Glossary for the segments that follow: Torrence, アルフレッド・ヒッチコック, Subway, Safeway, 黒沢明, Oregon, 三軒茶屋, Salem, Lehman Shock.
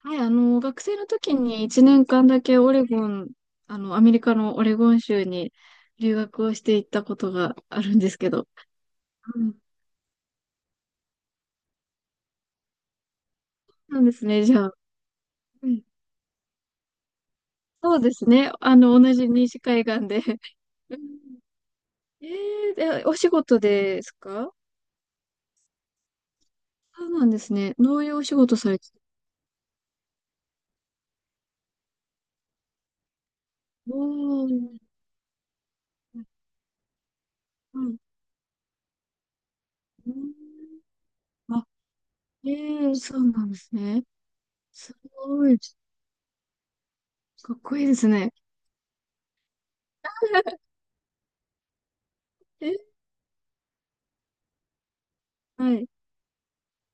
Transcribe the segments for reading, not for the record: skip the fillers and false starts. はい、学生の時に1年間だけオレゴン、アメリカのオレゴン州に留学をしていったことがあるんですけど。うん。そうですね、じゃあ。うん。そうですね、同じ西海岸で。うん。えー、で、お仕事ですか？そうなんですね。どういうお仕事されて？おー。うん。うん、あ、そうなんですね。すごい。かっこいいですね。え、はい。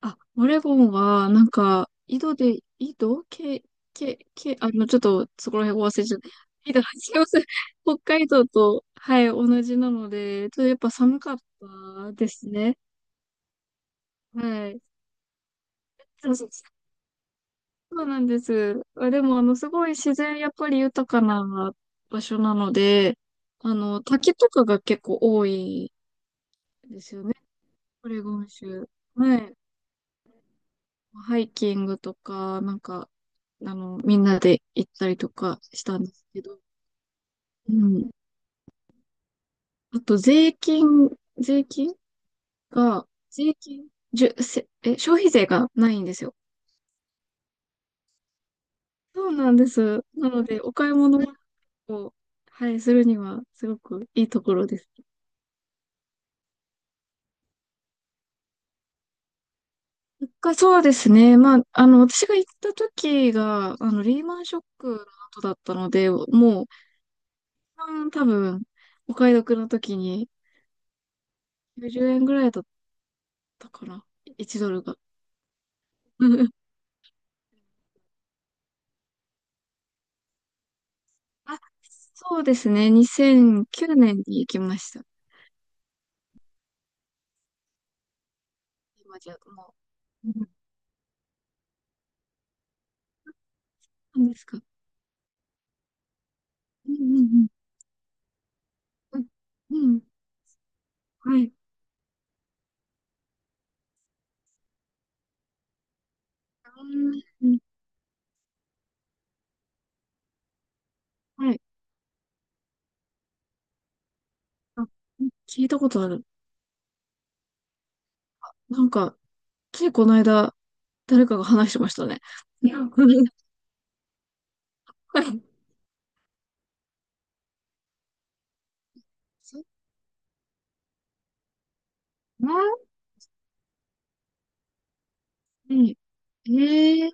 あ、オレゴンは、なんか、井戸で、井戸け、け、け、ちょっと、そこら辺お忘れちゃった。井戸、すいません。北海道と、はい、同じなので、ちょっとやっぱ寒かったですね。はい。そうそう、そうなんです。でも、すごい自然、やっぱり豊かな場所なので、滝とかが結構多いですよね。オレゴン州。はい。ハイキングとか、なんか、みんなで行ったりとかしたんですけど、うん。あと、税金、税金が、税金、じゅ、せ、え、消費税がないんですよ。そうなんです。なので、お買い物を、はい、するには、すごくいいところです。そうですね。まあ、私が行った時が、リーマンショックの後だったので、もう、一番多分、お買い得の時に90円ぐらいだっただから、1ドルが。あ、そうですね。2 0 0年に行きました。今じゃもう。うん、何ですか？うんうんうん。うん。うん、はい。うん。はい。あ、聞いたことある。なんか、ついこの間、誰かが話してましたね。うんうん、はい、そなう、ええ、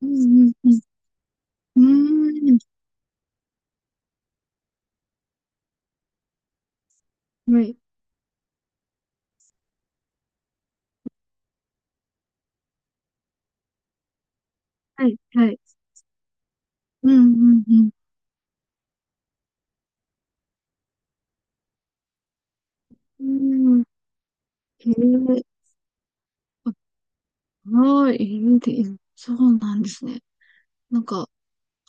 うんうんうん。うーん。はい。はい。はい。うんうんうん。うん。へえ。はーい、インディーン。そうなんですね。なんか、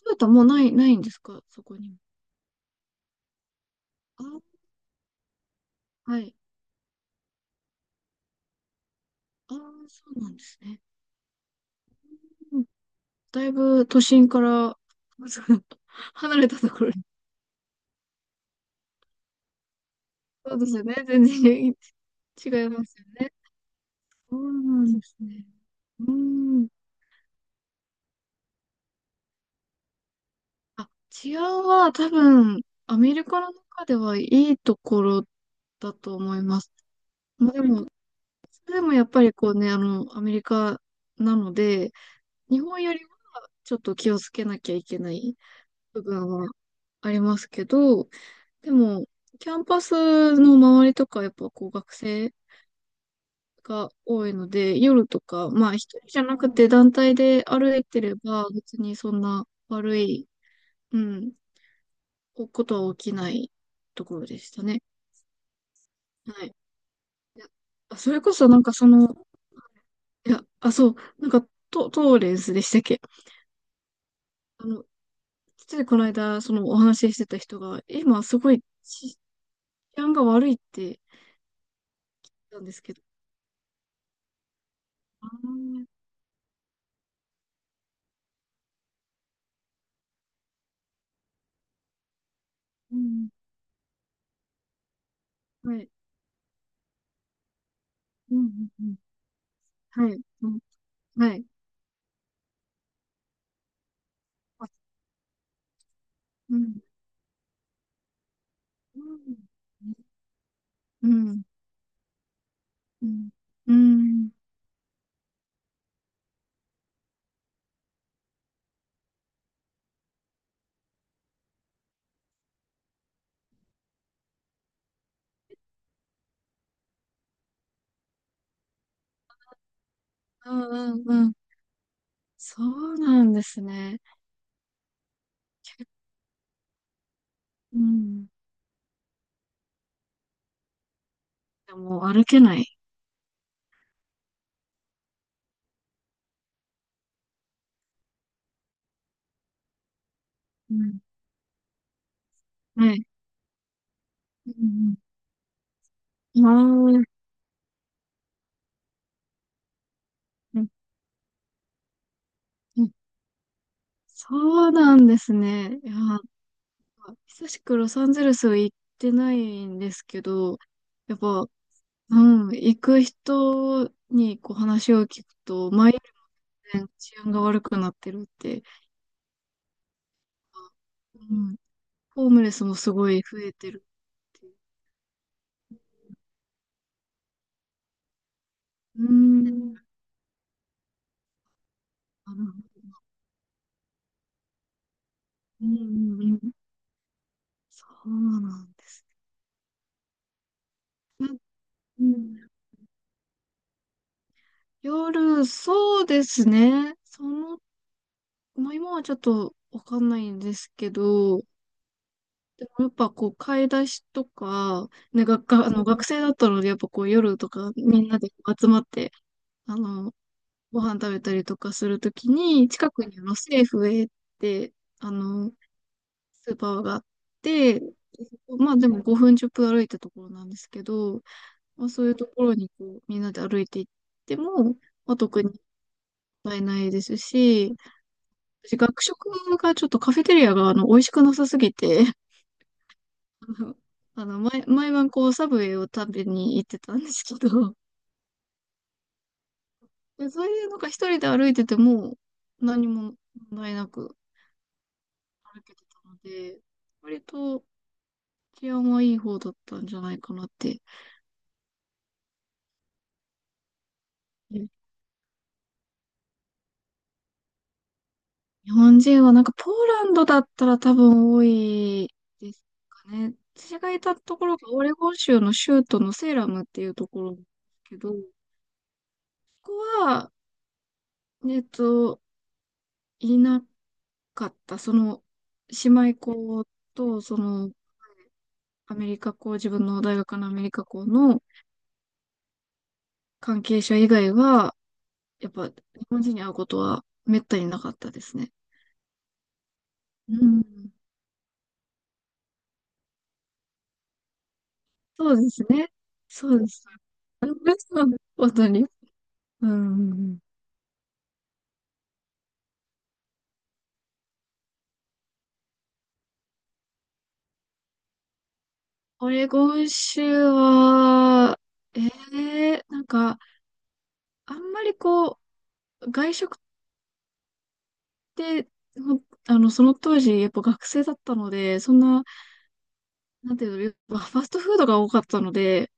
トヨタもうないんですか、そこにも？あ、はい。ああ、そうなんですね。うん、だいぶ都心から、そう離れたところに。そうですよね。全然違いますよね。そうなんですね。うーん。あ、治安は多分、アメリカの中ではいいところだと思います。まあ、でも、それでもやっぱりこうね、アメリカなので、日本よりちょっと気をつけなきゃいけない部分はありますけど、でも、キャンパスの周りとか、やっぱこう学生が多いので、夜とか、まあ一人じゃなくて団体で歩いてれば、別にそんな悪い、うん、ことは起きないところでしたね。はい。いやあ、それこそなんかそう、なんかトーレンスでしたっけ？あの、ついこの間、そのお話ししてた人が、今すごい治安が悪いってたんですけど。ああ、うん、はい。うん、うん、うん、はい。うん、はい。あ、うん、うん、うん、うん、うん、うん、うん、うん。そうなんですね。うん、でもう歩けない。うん、はい。うん、ああ、うん、うん。そうなんですね。いやー、久しくロサンゼルスは行ってないんですけど、やっぱ、うん、行く人にこう話を聞くと、全然治安が悪くなってるって。うん。ホームレスもすごい増えてるっていう。うーん。あの、うんうんうん。そうなんですね。うん。夜、そうですね。まあ、今はちょっとわかんないんですけど、でもやっぱこう、買い出しとか、ね、学生だったので、やっぱこう、夜とかみんなで集まって、あの、ご飯食べたりとかするときに、近くにセーフウェイって、あの、スーパーがあって、まあでも5分10分歩いたところなんですけど、まあそういうところにこうみんなで歩いていっても、まあ特に問題ないですし、私学食がちょっとカフェテリアが美味しくなさすぎて、あの、毎晩こうサブウェイを食べに行ってたんですけど、でそういうのが一人で歩いてても何も問題なく歩けてたので、割と治安はいい方だったんじゃないかなって。日本人はなんかポーランドだったら多分多いですかね。私がいたところがオレゴン州の州都のセーラムっていうところなんですけど、ここは、えっと、いなかった。姉妹校と、アメリカ校、自分の大学のアメリカ校の関係者以外は、やっぱ日本人に会うことはめったになかったですね。うん。そうですね。そうです。本当に。うんうんうん。オレゴン州は、えなんか、あんまりこう、外食って、ほんあの、その当時、やっぱ学生だったので、そんな、なんていうの、やっぱファストフードが多かったので、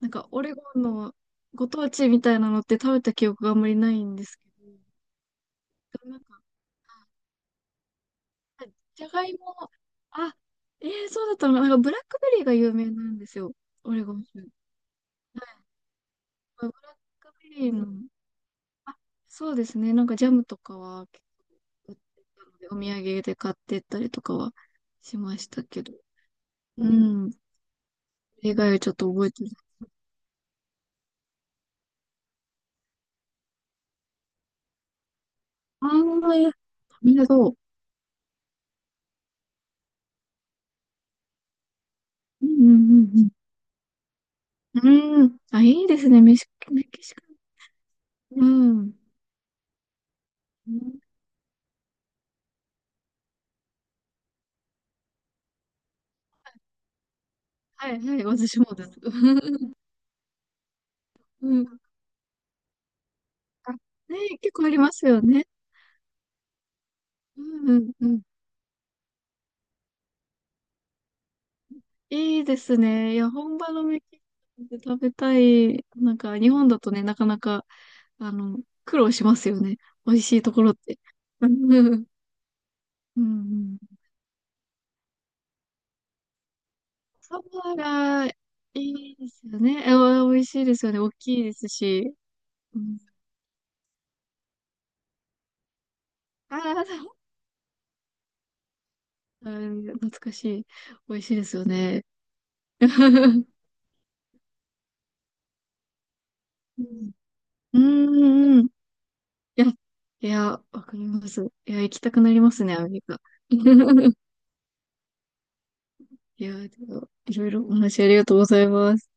なんか、オレゴンのご当地みたいなのって食べた記憶があんまりないんですけど、でもなんか、あじゃがいも、あ、そうだったのかな、なんか、ブラックベリーが有名なんですよ、オレゴン州。はい、ブラックベリーの、あそうですね。なんかジャムとかは結構売ってたので、お土産で買ってったりとかはしましたけど。うん。それ以外はちょっと覚えてない。ああ、いや、みんなどう。うんうんうんうん。うん。あ、いいですね。メキシカン。うん。うん、はいはい。私もです。うん。あ、ね、結構ありますよね。うんうんうん。いいですね。いや、本場のメキシコで食べたい。なんか、日本だとね、なかなか、あの、苦労しますよね。美味しいところって。うんうん。サバがいいですよね。美味しいですよね。大きいですし。うん、ああ、うん、懐かしい。美味しいですよね。うんうんうん。いや、いや、わかります。いや、行きたくなりますね、アメリカ。いやー、でもいろいろお話ありがとうございます。